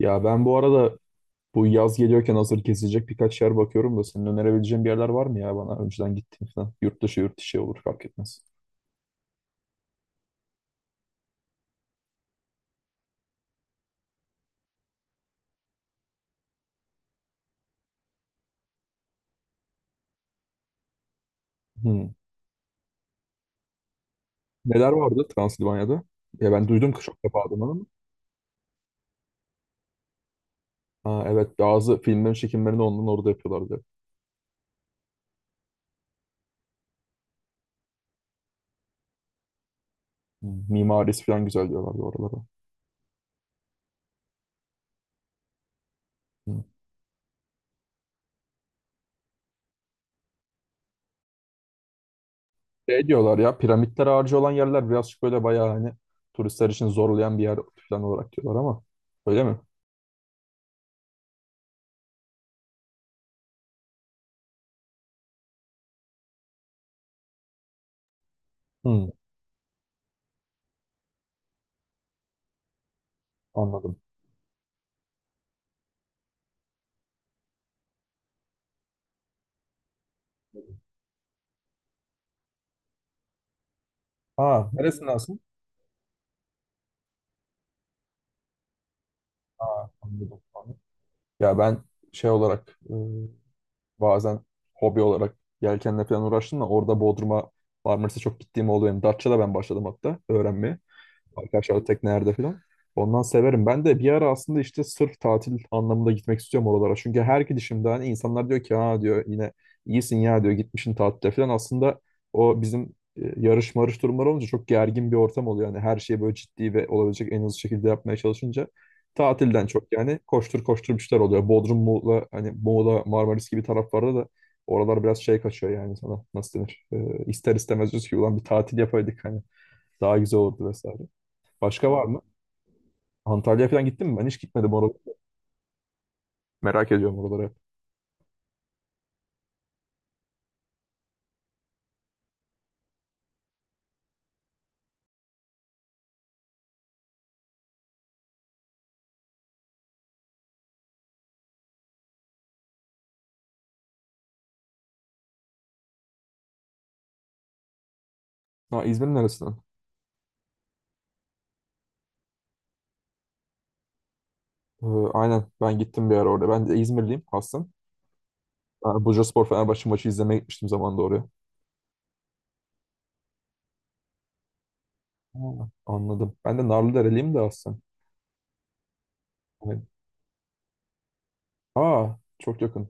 Ya ben bu arada bu yaz geliyorken hazır kesilecek birkaç yer bakıyorum da senin önerebileceğin bir yerler var mı ya bana önceden gittiğim falan. Yurt dışı yurt dışı olur fark etmez. Hmm. Neler vardı Transilvanya'da? Ya ben duydum ki çok defa adını ama. Ha, evet, bazı filmlerin çekimlerini ondan orada yapıyorlardı. Hmm. Mimarisi falan güzel diyorlardı oralara. Hmm. Şey diyorlar ya, piramitler harcı olan yerler birazcık böyle bayağı hani turistler için zorlayan bir yer falan olarak diyorlar ama öyle mi? Hmm, anladım. Ha, neresindensin? Ha, anladım. Ya ben şey olarak bazen hobi olarak yelkenle falan uğraştım da orada Bodrum'a, Marmaris'e çok gittiğim oluyor. Yani Datça'da ben başladım hatta öğrenmeye. Arkadaşlar teknelerde falan. Ondan severim. Ben de bir ara aslında işte sırf tatil anlamında gitmek istiyorum oralara. Çünkü her gidişimde hani insanlar diyor ki ha diyor, yine iyisin ya diyor, gitmişsin tatile falan. Aslında o bizim yarış marış durumları olunca çok gergin bir ortam oluyor. Yani her şeyi böyle ciddi ve olabilecek en hızlı şekilde yapmaya çalışınca tatilden çok yani koştur koştur bir şeyler oluyor. Bodrum, Muğla, hani Muğla, Marmaris gibi taraflarda da oralar biraz şey kaçıyor yani sana nasıl denir? İster istemez diyorsun ki ulan bir tatil yapaydık hani daha güzel olurdu vesaire. Başka var mı? Antalya'ya falan gittin mi? Ben hiç gitmedim oralara. Merak ediyorum oraları. Ha, İzmir'in neresinden? Ee, aynen ben gittim bir ara orada. Ben de İzmirliyim aslım. Ben Bursaspor Fenerbahçe maçı izlemeye gitmiştim zamanında oraya. Ha, anladım. Ben de Narlıdereliyim de aslında. Evet. Aa, çok yakın.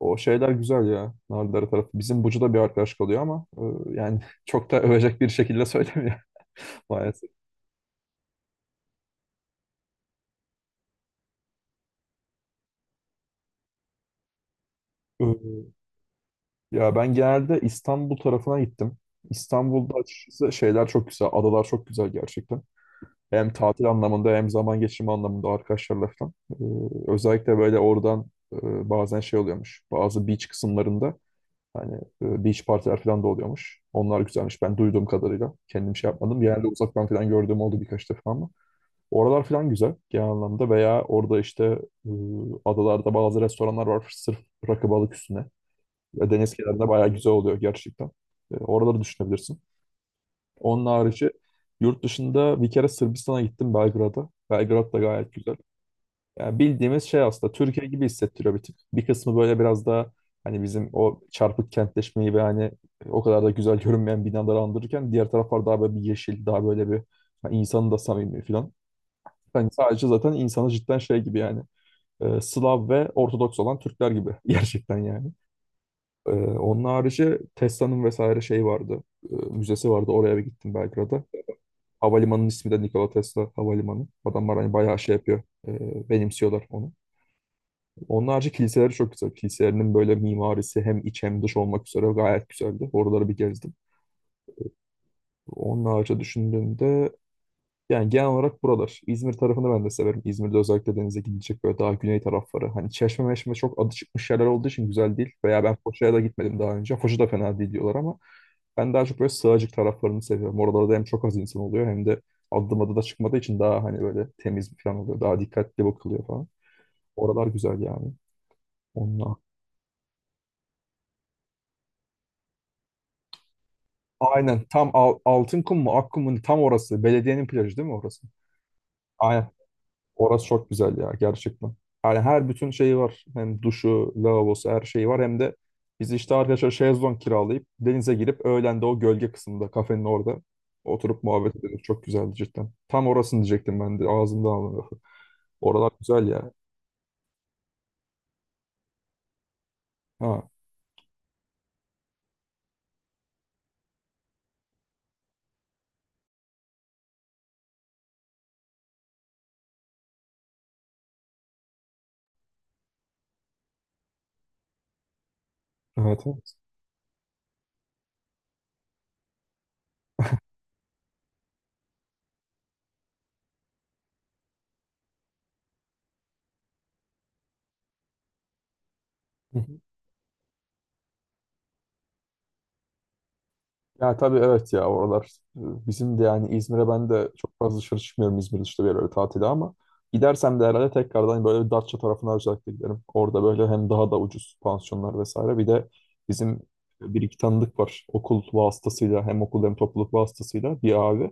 O şeyler güzel ya. Nargile tarafı. Bizim Bucu'da bir arkadaş kalıyor ama yani çok da övecek bir şekilde söylemiyor maalesef. E, ya ben genelde İstanbul tarafına gittim. İstanbul'da açıkçası şeyler çok güzel. Adalar çok güzel gerçekten. Hem tatil anlamında hem zaman geçirme anlamında arkadaşlarla falan. Özellikle böyle oradan bazen şey oluyormuş. Bazı beach kısımlarında hani beach partiler falan da oluyormuş. Onlar güzelmiş. Ben duyduğum kadarıyla. Kendim şey yapmadım. Genelde uzaktan falan gördüğüm oldu birkaç defa ama. Oralar falan güzel genel anlamda, veya orada işte e, adalarda bazı restoranlar var sırf rakı balık üstüne. Ve deniz kenarında bayağı güzel oluyor gerçekten. Oraları düşünebilirsin. Onun harici yurt dışında bir kere Sırbistan'a gittim, Belgrad'a. Belgrad da gayet güzel. Yani bildiğimiz şey aslında, Türkiye gibi hissettiriyor bir tık. Bir kısmı böyle biraz daha hani bizim o çarpık kentleşmeyi ve hani o kadar da güzel görünmeyen binaları andırırken, diğer taraflar daha böyle bir yeşil, daha böyle bir hani insanı da samimi falan. Hani sadece zaten insanı cidden şey gibi yani Slav ve Ortodoks olan Türkler gibi gerçekten yani. Onun harici Tesla'nın vesaire şey vardı. Müzesi vardı. Oraya bir gittim Belgrad'a. Havalimanının ismi de Nikola Tesla Havalimanı. Adamlar hani bayağı şey yapıyor. Benimsiyorlar onu. Onun harici kiliseleri çok güzel. Kiliselerinin böyle mimarisi hem iç hem dış olmak üzere gayet güzeldi. Oraları bir gezdim. Onun harici düşündüğümde yani genel olarak buralar. İzmir tarafını ben de severim. İzmir'de özellikle denize gidilecek böyle daha güney tarafları. Hani Çeşme meşme çok adı çıkmış yerler olduğu için güzel değil. Veya ben Foça'ya da gitmedim daha önce. Foça da fena değil diyorlar ama ben daha çok böyle Sığacık taraflarını seviyorum. Oralarda hem çok az insan oluyor, hem de adım adı da çıkmadığı için daha hani böyle temiz bir falan oluyor. Daha dikkatli bakılıyor falan. Oralar güzel yani. Onunla. Aynen. Tam Altınkum mu, Akkum mu tam orası. Belediyenin plajı değil mi orası? Aynen. Orası çok güzel ya gerçekten. Yani her bütün şeyi var. Hem duşu, lavabosu, her şeyi var. Hem de biz işte arkadaşlar şezlong kiralayıp denize girip öğlen de o gölge kısmında kafenin orada oturup muhabbet ediyoruz. Çok güzeldi cidden. Tam orasını diyecektim ben de, ağzımda aldım. Oralar güzel ya. Ha, evet. Evet. Ya tabii, evet ya, oralar e, bizim de yani İzmir'e, ben de çok fazla dışarı çıkmıyorum İzmir dışında bir yerlere tatile, ama gidersem de herhalde tekrardan böyle bir Datça tarafına özellikle giderim. Orada böyle hem daha da ucuz pansiyonlar vesaire, bir de bizim bir iki tanıdık var okul vasıtasıyla, hem okul hem topluluk vasıtasıyla bir abi.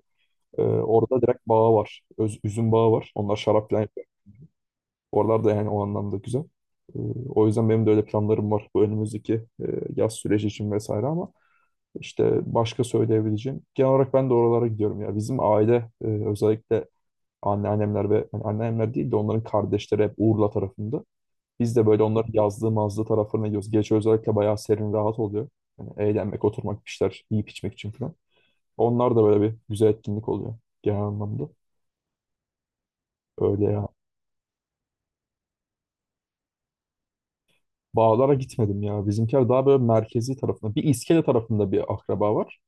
Orada direkt bağı var. Üzüm bağı var. Onlar şarap falan yapıyor. Oralar da yani o anlamda güzel. E, o yüzden benim de öyle planlarım var bu önümüzdeki yaz süreci için vesaire, ama işte başka söyleyebileceğim. Genel olarak ben de oralara gidiyorum ya. Bizim aile özellikle anneannemler ve yani anneannemler değil de onların kardeşleri hep Urla tarafında. Biz de böyle onların yazlığı mazlığı taraflarına gidiyoruz. Gece özellikle bayağı serin rahat oluyor. Yani eğlenmek, oturmak, bir şeyler yiyip içmek için falan. Onlar da böyle bir güzel etkinlik oluyor genel anlamda. Öyle ya. Bağlara gitmedim ya. Bizimkiler daha böyle merkezi tarafında. Bir İskele tarafında bir akraba var.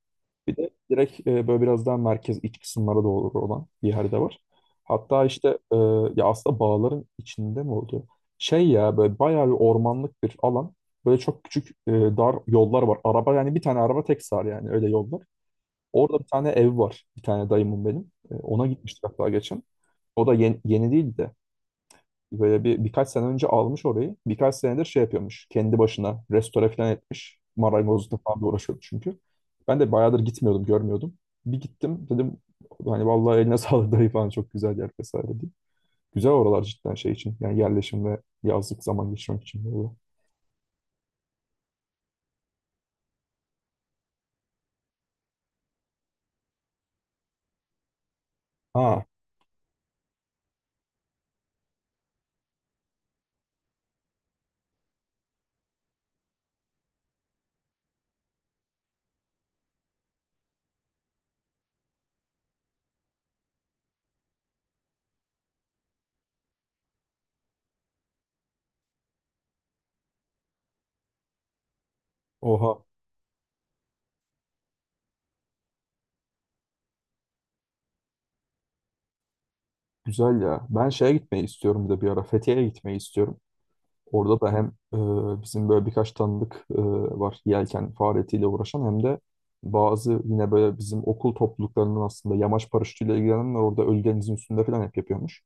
Bir de direkt böyle biraz daha merkez iç kısımlara doğru olan bir yerde var. Hatta işte ya aslında bağların içinde mi oluyor? Şey ya, böyle bayağı bir ormanlık bir alan. Böyle çok küçük dar yollar var. Araba yani bir tane araba tek sar yani, öyle yollar. Orada bir tane ev var. Bir tane dayımın benim. Ona gitmiştik hatta geçen. O da yeni, yeni değil de, böyle bir birkaç sene önce almış orayı. Birkaç senedir şey yapıyormuş. Kendi başına restore falan etmiş. Marangozlukla falan da uğraşıyordu çünkü. Ben de bayağıdır gitmiyordum, görmüyordum. Bir gittim dedim hani vallahi eline sağlık dayı falan, çok güzel yer vesaire diye. Güzel oralar cidden şey için. Yani yerleşim ve yazlık zaman geçirmek için, böyle. Ha, oha. Güzel ya. Ben şeye gitmeyi istiyorum bir de bir ara. Fethiye'ye gitmeyi istiyorum. Orada da hem bizim böyle birkaç tanıdık var yelken faaliyetiyle uğraşan, hem de bazı yine böyle bizim okul topluluklarının aslında yamaç paraşütüyle ilgilenenler orada ölü denizin üstünde falan hep yapıyormuş.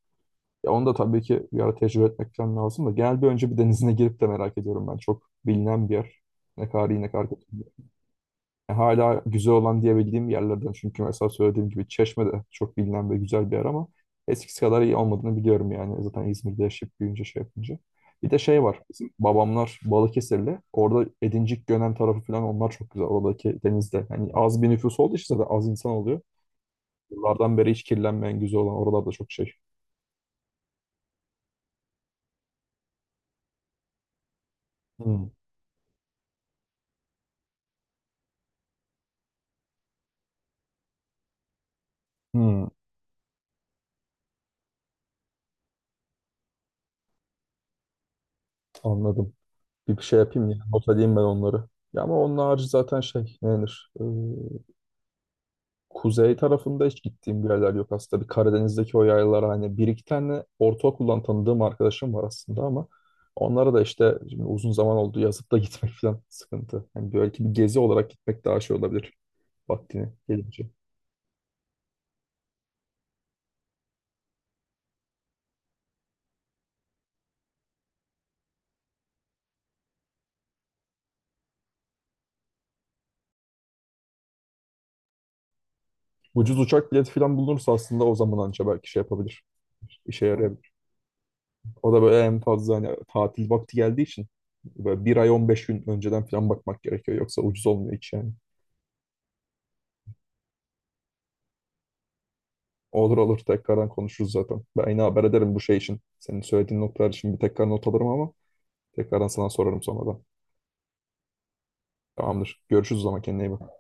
Ya onu da tabii ki bir ara tecrübe etmek falan lazım da, genel bir önce bir denizine girip de merak ediyorum ben. Çok bilinen bir yer. Ne kadar iyi, ne kadar kötü. Hala güzel olan diyebildiğim yerlerden çünkü, mesela söylediğim gibi Çeşme de çok bilinen ve güzel bir yer ama eskisi kadar iyi olmadığını biliyorum yani. Zaten İzmir'de yaşayıp büyüyünce şey yapınca. Bir de şey var. Bizim babamlar Balıkesirli. Orada Edincik, Gönen tarafı falan, onlar çok güzel. Oradaki denizde. Yani az bir nüfus olduğu için zaten az insan oluyor. Yıllardan beri hiç kirlenmeyen güzel olan oralarda çok şey. Hmm, hmm, anladım. Bir şey yapayım ya. Not edeyim ben onları. Ya ama onun harici zaten şey ne denir? Kuzey tarafında hiç gittiğim bir yerler yok aslında. Bir Karadeniz'deki o yaylalar, hani bir iki tane ortaokuldan tanıdığım arkadaşım var aslında ama onlara da işte şimdi uzun zaman oldu, yazıp da gitmek falan sıkıntı. Yani belki bir gezi olarak gitmek daha şey olabilir vaktini gelince. Ucuz uçak bileti falan bulunursa aslında o zaman anca belki şey yapabilir. İşe yarayabilir. O da böyle en fazla hani tatil vakti geldiği için böyle bir ay 15 gün önceden falan bakmak gerekiyor. Yoksa ucuz olmuyor hiç yani. Olur olur, tekrardan konuşuruz zaten. Ben yine haber ederim bu şey için. Senin söylediğin noktalar için bir tekrar not alırım ama tekrardan sana sorarım sonradan. Tamamdır. Görüşürüz o zaman, kendine iyi bak.